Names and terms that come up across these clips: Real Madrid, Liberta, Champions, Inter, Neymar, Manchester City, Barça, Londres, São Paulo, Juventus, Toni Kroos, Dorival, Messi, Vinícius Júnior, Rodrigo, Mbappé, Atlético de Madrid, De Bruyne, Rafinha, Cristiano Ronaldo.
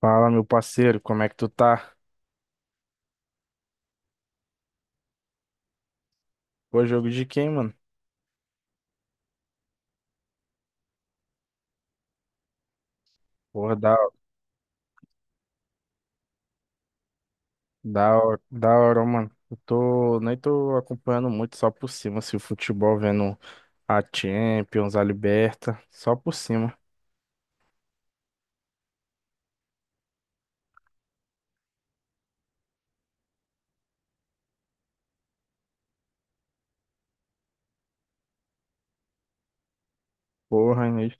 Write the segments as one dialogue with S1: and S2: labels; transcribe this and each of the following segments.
S1: Fala, meu parceiro, como é que tu tá? Pô, jogo de quem, mano? Porra, da hora, mano. Eu tô, nem tô acompanhando muito, só por cima, assim, o futebol, vendo a Champions, a Liberta, só por cima. Porra, hein?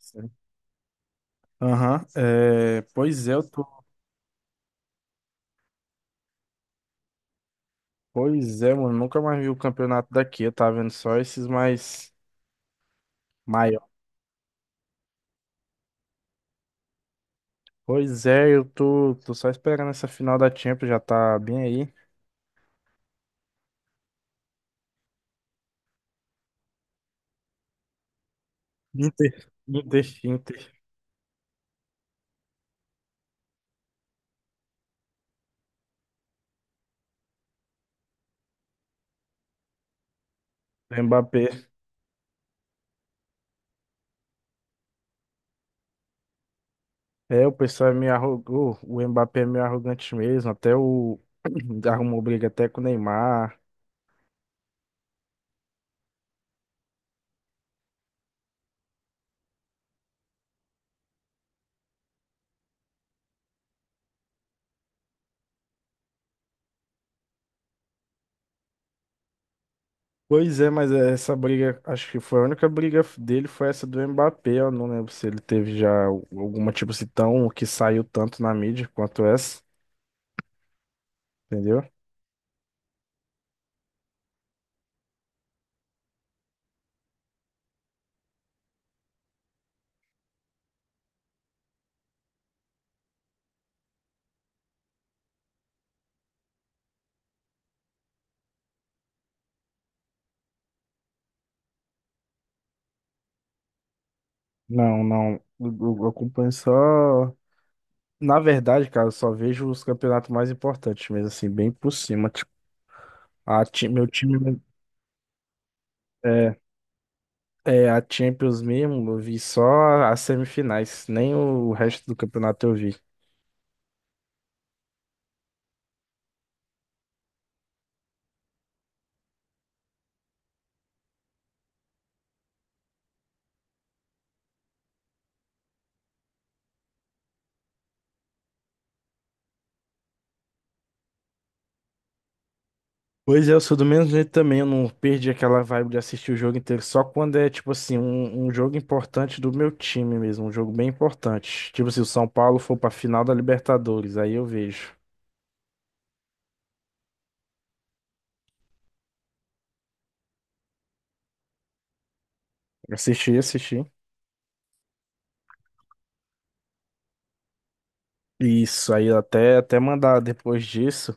S1: Aham, é, pois é, eu tô, pois é, mano, nunca mais vi o campeonato daqui, eu tava vendo só esses mais maiores. Pois é, eu tô só esperando essa final da Champions, já tá bem aí. Inter, Inter, Inter, Mbappé. É, o pessoal é meio arrogou, o Mbappé é meio arrogante mesmo, até o arrumou briga até com o Neymar. Pois é, mas essa briga, acho que foi a única briga dele foi essa do Mbappé, eu não lembro se ele teve já alguma tipo se tão que saiu tanto na mídia quanto essa, entendeu? Não, não, eu acompanho só, na verdade, cara, eu só vejo os campeonatos mais importantes mesmo assim, bem por cima, tipo, meu time é. É, a Champions mesmo, eu vi só as semifinais, nem o resto do campeonato eu vi. Pois é, eu sou do mesmo jeito também, eu não perdi aquela vibe de assistir o jogo inteiro, só quando é, tipo assim, um jogo importante do meu time mesmo, um jogo bem importante. Tipo, se o São Paulo for pra final da Libertadores, aí eu vejo. Assisti, assisti. Isso, aí até mandar depois disso.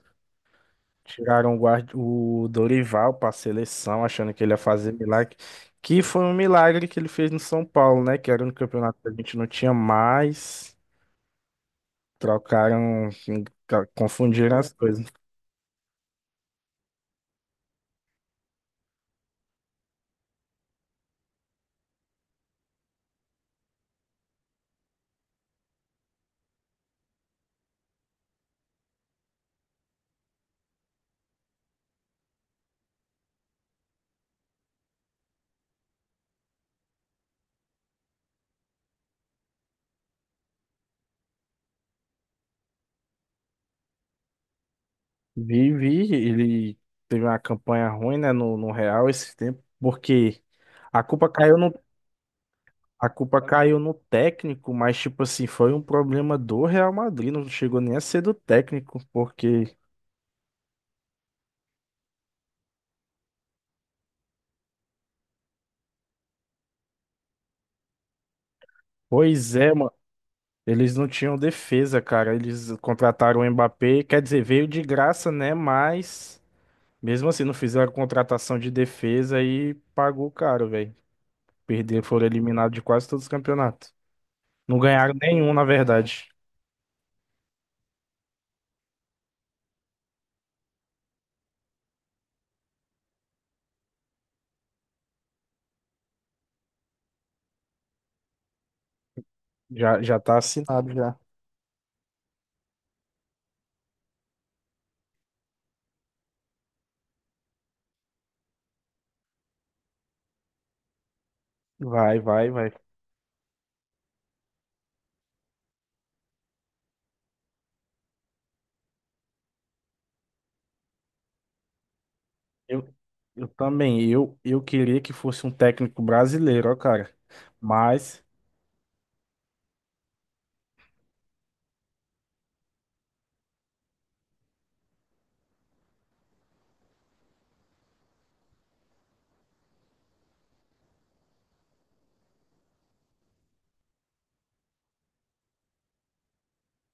S1: Tiraram o Dorival para a seleção, achando que ele ia fazer milagre. Que foi um milagre que ele fez no São Paulo, né? Que era no campeonato que a gente não tinha mais. Trocaram, enfim, confundiram as coisas. Vi, vi, ele teve uma campanha ruim, né, no Real esse tempo, porque a culpa caiu no, a culpa caiu no técnico, mas, tipo assim, foi um problema do Real Madrid, não chegou nem a ser do técnico, porque, pois é. Eles não tinham defesa, cara. Eles contrataram o Mbappé, quer dizer, veio de graça, né? Mas mesmo assim não fizeram contratação de defesa e pagou caro, velho. Perderam, foram eliminados de quase todos os campeonatos. Não ganharam nenhum, na verdade. Já tá assinado já. Vai, vai, vai. Eu, eu também. Eu queria que fosse um técnico brasileiro, ó, cara. Mas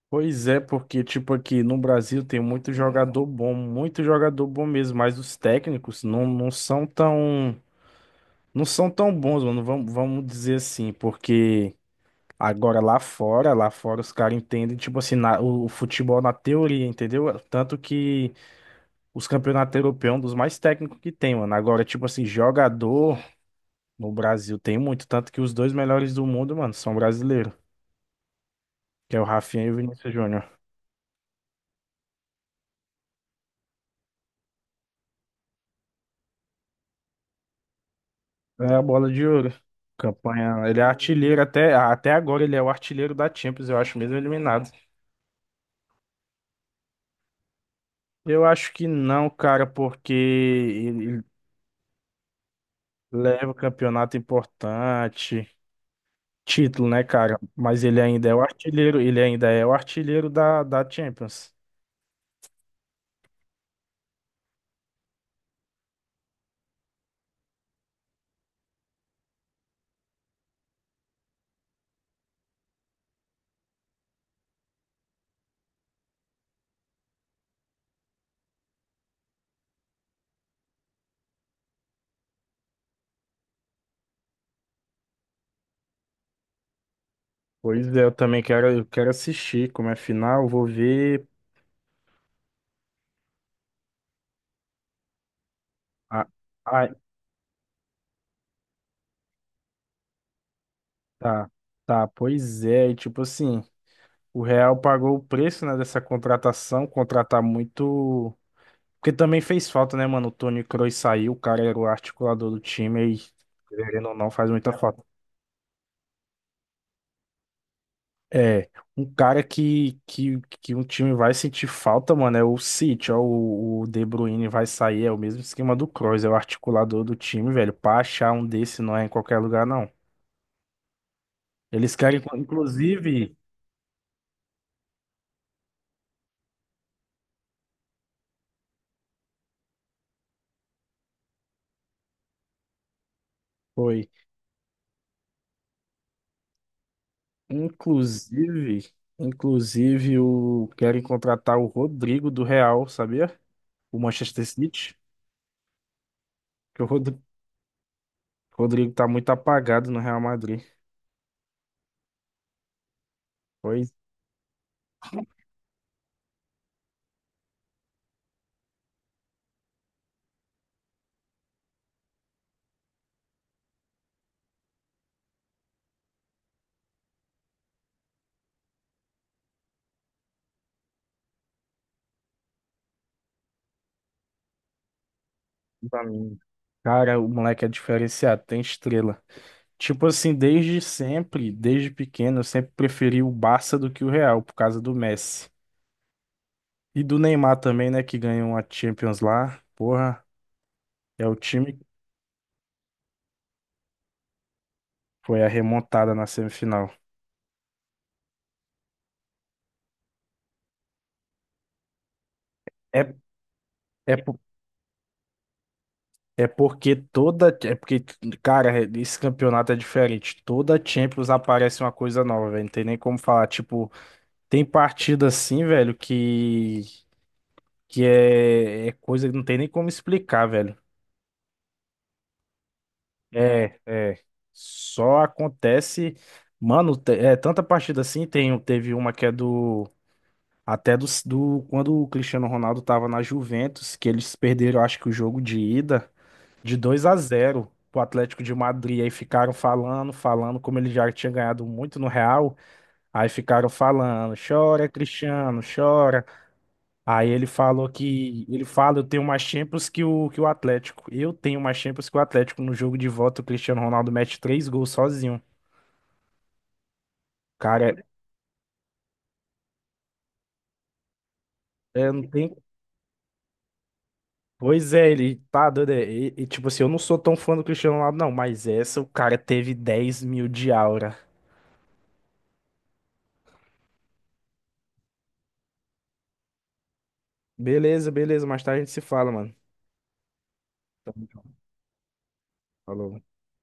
S1: pois é, porque, tipo, aqui no Brasil tem muito jogador bom mesmo, mas os técnicos não são tão bons, mano, vamos dizer assim, porque agora lá fora os caras entendem, tipo assim, o futebol na teoria, entendeu? Tanto que os campeonatos europeus é um dos mais técnicos que tem, mano. Agora, tipo assim, jogador no Brasil tem muito, tanto que os dois melhores do mundo, mano, são brasileiros, que é o Rafinha e o Vinícius Júnior. É a bola de ouro. Campanha. Ele é artilheiro até agora, ele é o artilheiro da Champions, eu acho, mesmo eliminado. Eu acho que não, cara, porque ele leva o campeonato importante, título, né, cara? Mas ele ainda é o artilheiro, ele ainda é o artilheiro da Champions. Pois é, eu também quero, eu quero assistir como é final, vou ver. Ah, ah, tá, tá, pois é, e tipo assim, o Real pagou o preço, né, dessa contratação, contratar muito. Porque também fez falta, né, mano? O Toni Kroos saiu, o cara era o articulador do time e, querendo ou não, faz muita falta. É, um cara que um time vai sentir falta, mano, é o City, ó, o De Bruyne vai sair, é o mesmo esquema do Kroos, é o articulador do time, velho. Pra achar um desse não é em qualquer lugar, não. Eles querem, inclusive, foi, inclusive, inclusive, o, querem contratar o Rodrigo do Real, sabia? O Manchester City, que o Rodrigo tá muito apagado no Real Madrid. Pois pra mim. Cara, o moleque é diferenciado, tem estrela. Tipo assim, desde sempre, desde pequeno, eu sempre preferi o Barça do que o Real, por causa do Messi. E do Neymar também, né, que ganhou a Champions lá. Porra, é o time que foi a remontada na semifinal. É, é, é porque toda. É porque, cara, esse campeonato é diferente. Toda Champions aparece uma coisa nova, velho. Não tem nem como falar, tipo. Tem partida assim, velho, que é coisa que não tem nem como explicar, velho. É, é. Só acontece. Mano, é tanta partida assim. Teve uma que é do. Até do. Quando o Cristiano Ronaldo tava na Juventus, que eles perderam, acho que o jogo de ida, de 2-0 pro Atlético de Madrid. Aí ficaram falando, falando, como ele já tinha ganhado muito no Real. Aí ficaram falando: chora, Cristiano, chora. Aí ele falou que. Ele fala, eu tenho mais Champions que o Atlético. Eu tenho mais Champions que o Atlético. No jogo de volta, o Cristiano Ronaldo mete três gols sozinho. Cara, é, é, não tem. Pois é, ele tá doido. E, tipo assim, eu não sou tão fã do Cristiano Ronaldo, não. Mas essa, o cara teve 10 mil de aura. Beleza, beleza. Mais tarde a gente se fala, mano. Tamo junto. Falou.